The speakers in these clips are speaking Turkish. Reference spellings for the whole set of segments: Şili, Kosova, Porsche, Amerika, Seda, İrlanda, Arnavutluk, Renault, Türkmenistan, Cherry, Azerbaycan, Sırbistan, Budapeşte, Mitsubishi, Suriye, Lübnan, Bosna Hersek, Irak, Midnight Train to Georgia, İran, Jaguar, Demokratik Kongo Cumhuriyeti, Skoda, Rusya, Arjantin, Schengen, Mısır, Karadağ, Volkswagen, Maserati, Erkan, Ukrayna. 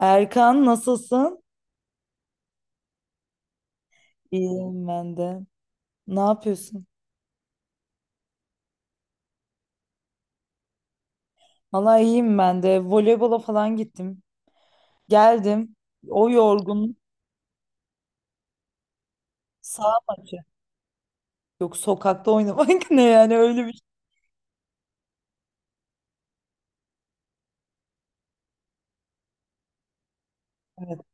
Erkan, nasılsın? İyiyim ben de. Ne yapıyorsun? Valla iyiyim ben de. Voleybola falan gittim. Geldim. O yorgun sağ maçı. Yok, sokakta oynamak ne yani öyle bir şey mi? Yok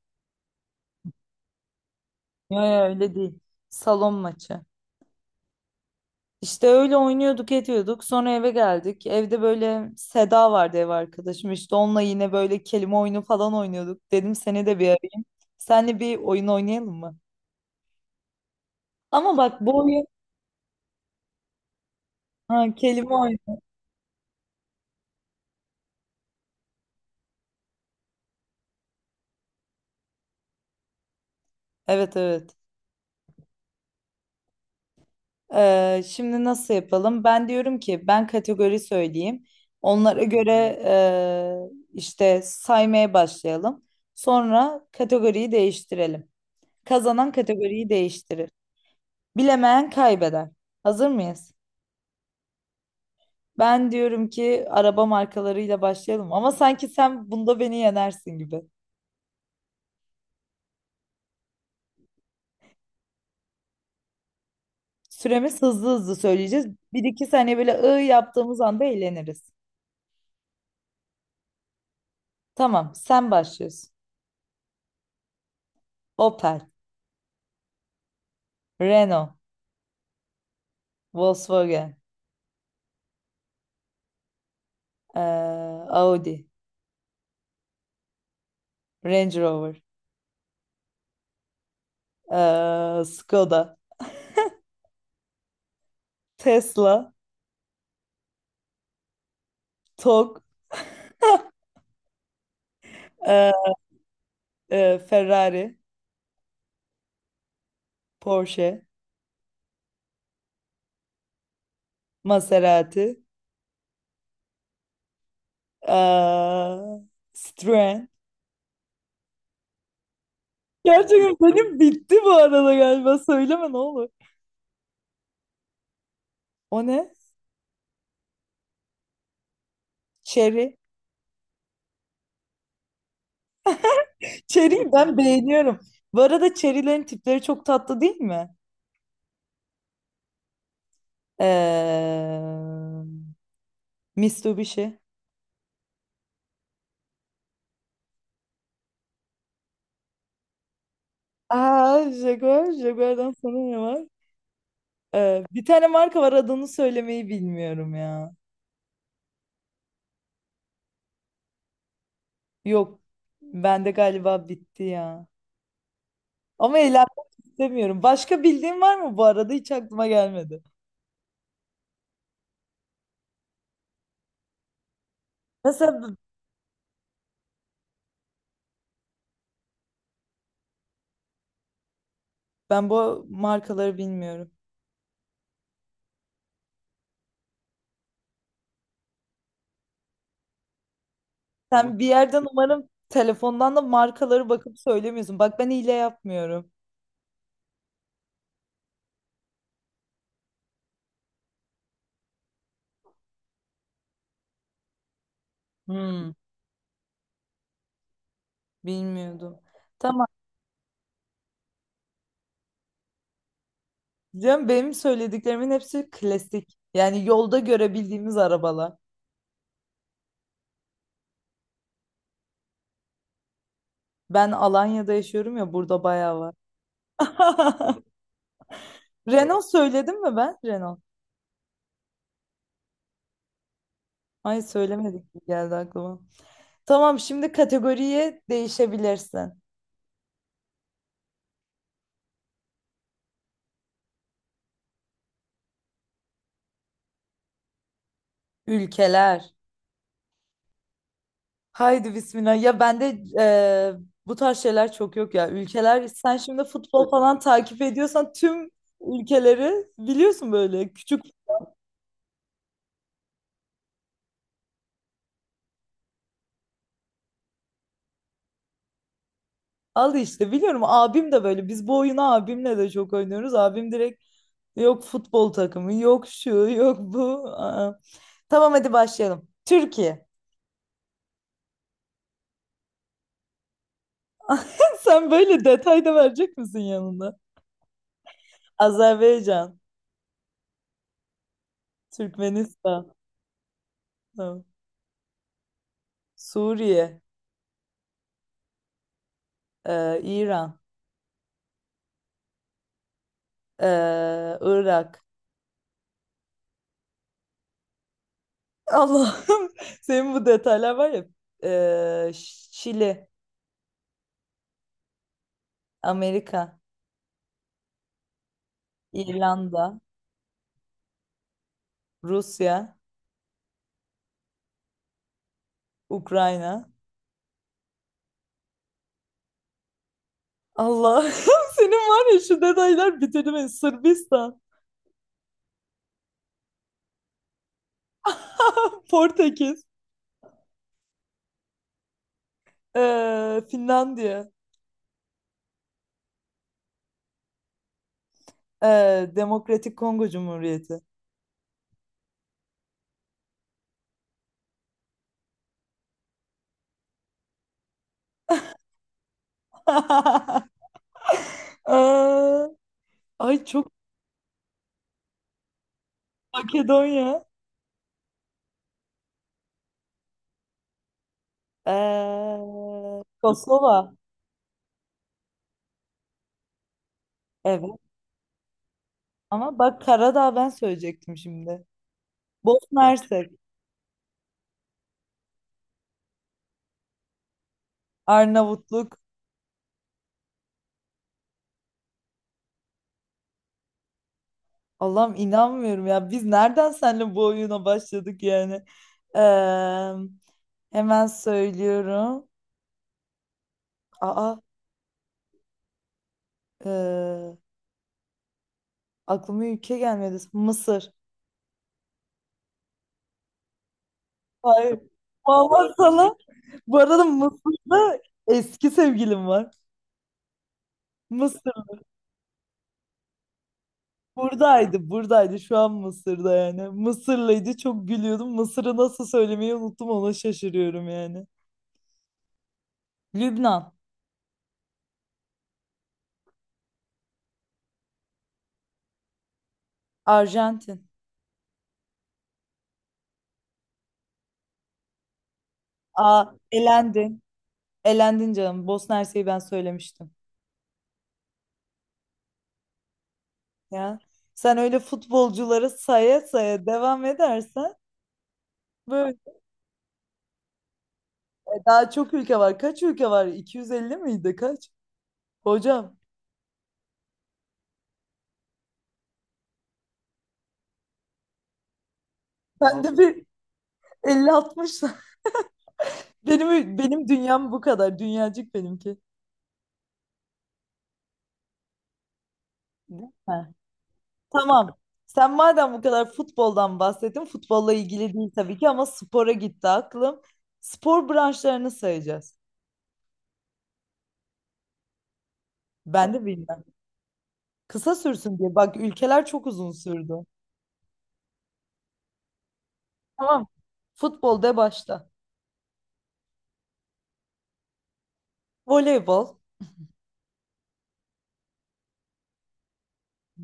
yok, öyle değil. Salon maçı. İşte öyle oynuyorduk ediyorduk. Sonra eve geldik. Evde böyle Seda vardı, ev arkadaşım. İşte onunla yine böyle kelime oyunu falan oynuyorduk. Dedim seni de bir arayayım. Seninle bir oyun oynayalım mı? Ama bak, bu oyun... Ha, kelime oyunu. Evet evet. Şimdi nasıl yapalım? Ben diyorum ki ben kategori söyleyeyim. Onlara göre işte saymaya başlayalım. Sonra kategoriyi değiştirelim. Kazanan kategoriyi değiştirir. Bilemeyen kaybeder. Hazır mıyız? Ben diyorum ki araba markalarıyla başlayalım. Ama sanki sen bunda beni yenersin gibi. Süremiz hızlı hızlı söyleyeceğiz. Bir iki saniye böyle yaptığımız anda eğleniriz. Tamam, sen başlıyorsun. Opel, Renault, Volkswagen. Ee, Audi, Range Rover, Skoda, Tesla, Tok, ee, Ferrari, Porsche, Maserati, ee, Citroen. Gerçekten benim bitti bu arada galiba. Söyleme, ne olur. O ne? Cherry. Cherry'yi ben beğeniyorum. Bu arada cherry'lerin tipleri çok tatlı değil mi? Ee, Mitsubishi. Aa, Jaguar. Jaguar'dan sonra ne var? Bir tane marka var, adını söylemeyi bilmiyorum ya. Yok. Bende galiba bitti ya. Ama eğlenmek istemiyorum. Başka bildiğin var mı bu arada? Hiç aklıma gelmedi. Mesela b- ben bu markaları bilmiyorum. Sen bir yerden umarım telefondan da markaları bakıp söylemiyorsun. Bak, ben hile yapmıyorum. Hmm, bilmiyordum. Tamam. Diyorum, benim söylediklerimin hepsi klasik. Yani yolda görebildiğimiz arabalar. Ben Alanya'da yaşıyorum ya, burada bayağı var. Renault söyledim mi ben? Renault. Ay, söylemedik gibi geldi aklıma. Tamam, şimdi kategoriye değişebilirsin. Ülkeler. Haydi bismillah. Ya bende eee bu tarz şeyler çok yok ya. Ülkeler, sen şimdi futbol falan takip ediyorsan tüm ülkeleri biliyorsun böyle küçük. Al işte biliyorum, abim de böyle. Biz bu oyunu abimle de çok oynuyoruz. Abim direkt yok futbol takımı, yok şu, yok bu. Aa. Tamam, hadi başlayalım. Türkiye. Sen böyle detay da verecek misin yanında? Azerbaycan, Türkmenistan, tamam. Suriye, İran, e, Irak. Allah'ım senin bu detaylar var ya. E, Şili, Amerika, İrlanda, Rusya, Ukrayna. Allah'ım senin var ya şu detaylar bitirdi beni. Sırbistan, Portekiz, Finlandiya, e, Demokratik Kongo Cumhuriyeti. Aa, ay çok Makedonya. Kosova. Evet. Ama bak, Karadağ ben söyleyecektim şimdi. Bosna Hersek. Arnavutluk. Allah'ım, inanmıyorum ya. Biz nereden seninle bu oyuna başladık yani? Ee, Hemen söylüyorum. Aa, ee, aklıma ülke gelmedi. Mısır. Hayır. Vallahi sana. Bu arada Mısır'da eski sevgilim var. Mısır. Buradaydı, buradaydı. Şu an Mısır'da yani. Mısırlıydı. Çok gülüyordum. Mısır'ı nasıl söylemeyi unuttum. Ona şaşırıyorum yani. Lübnan, Arjantin. Aa, elendin. Elendin canım. Bosna Hersek'i ben söylemiştim. Ya. Sen öyle futbolcuları saya saya devam edersen böyle... Daha çok ülke var. Kaç ülke var? 250 miydi? Kaç? Hocam, ben de bir 50-60. Benim dünyam bu kadar. Dünyacık benimki. Değil mi? Tamam. Sen madem bu kadar futboldan bahsettin, futbolla ilgili değil tabii ki ama spora gitti aklım. Spor branşlarını sayacağız. Ben de bilmem. Kısa sürsün diye. Bak, ülkeler çok uzun sürdü. Tamam. Futbol de başta. Voleybol,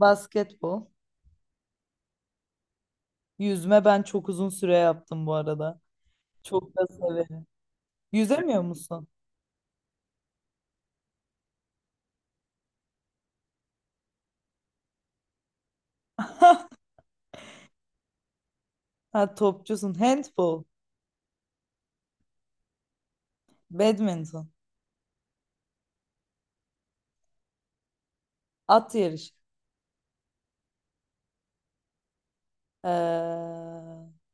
basketbol, yüzme ben çok uzun süre yaptım bu arada. Çok da severim. Yüzemiyor musun? Ha, topçusun. Handbol, badminton, at yarışı, ee,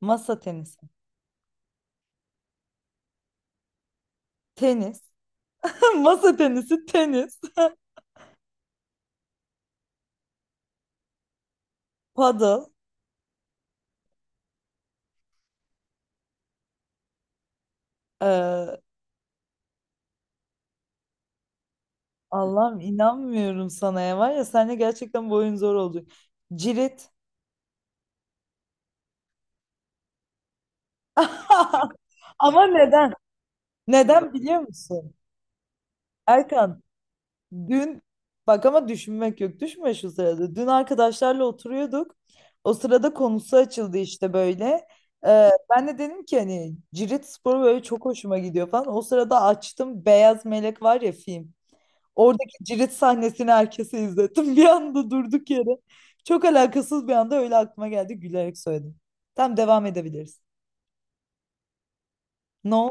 masa tenisi, tenis. Masa tenisi, tenis, paddle. Ee, Allah'ım inanmıyorum sana ya. Var ya, seninle gerçekten bu oyun zor oldu. Cirit. Ama neden? Neden biliyor musun? Erkan, dün bak ama düşünmek yok. Düşünme şu sırada. Dün arkadaşlarla oturuyorduk. O sırada konusu açıldı işte böyle. Ben de dedim ki hani cirit sporu böyle çok hoşuma gidiyor falan. O sırada açtım Beyaz Melek var ya, film. Oradaki cirit sahnesini herkese izlettim. Bir anda durduk yere. Çok alakasız bir anda öyle aklıma geldi. Gülerek söyledim. Tamam, devam edebiliriz. No.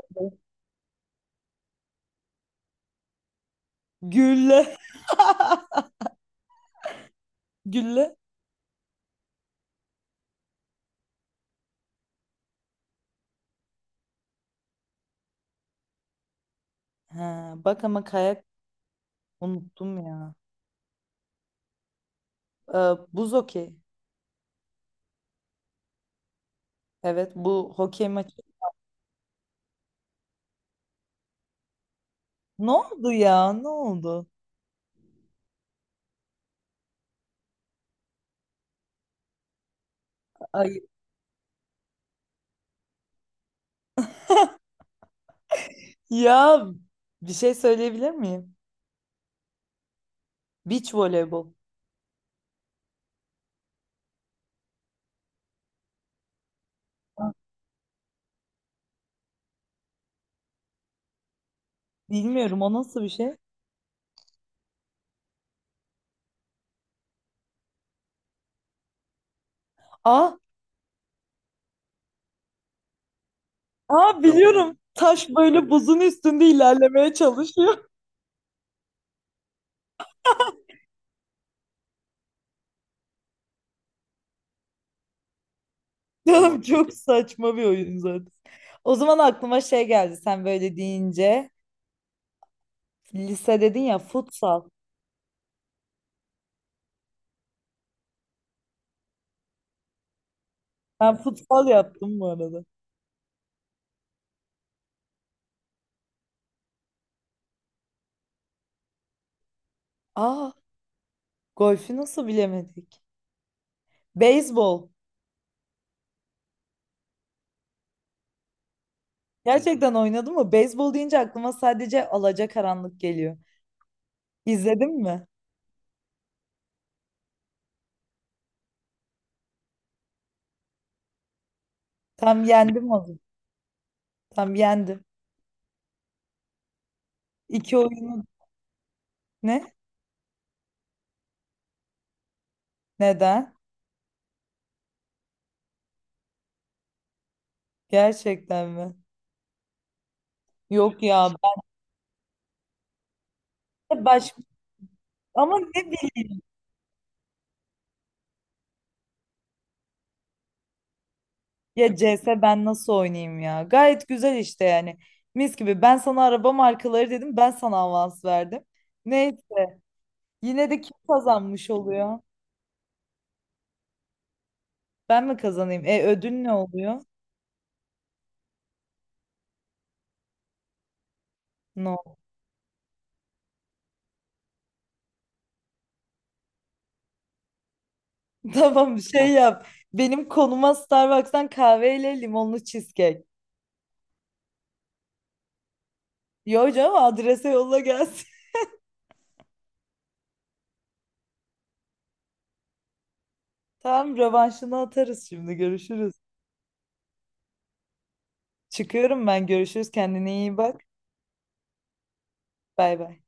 Gülle. Gülle. Ha, bak ama kayak unuttum ya. Ee, Buz hokey. Evet, bu hokey maçı. Ne oldu ya? Ne oldu? Ay. Ya, bir şey söyleyebilir miyim? Beach voleybol. Ah, bilmiyorum, o nasıl bir şey? Aa, aa biliyorum. Taş böyle buzun üstünde ilerlemeye çalışıyor. Tamam Tamam, çok saçma bir oyun zaten. O zaman aklıma şey geldi sen böyle deyince. Lise dedin ya, futsal. Ben futsal yaptım bu arada. Aa, golfü nasıl bilemedik? Beyzbol. Gerçekten oynadın mı? Beyzbol deyince aklıma sadece Alacakaranlık geliyor. İzledin mi? Tam yendim onu. Tam yendim. İki oyunu ne? Neden? Gerçekten mi? Yok ya. Ben de baş... Ama ne, ya CS ben nasıl oynayayım ya? Gayet güzel işte yani. Mis gibi. Ben sana araba markaları dedim. Ben sana avans verdim. Ne? Yine de kim kazanmış oluyor? Ben mi kazanayım? E, ödül ne oluyor? No. Tamam, şey yap. Benim konuma Starbucks'tan kahveyle limonlu cheesecake. Yo canım, adrese yolla gelsin. Tamam, rövanşını atarız şimdi. Görüşürüz. Çıkıyorum ben. Görüşürüz. Kendine iyi bak. Bay bay.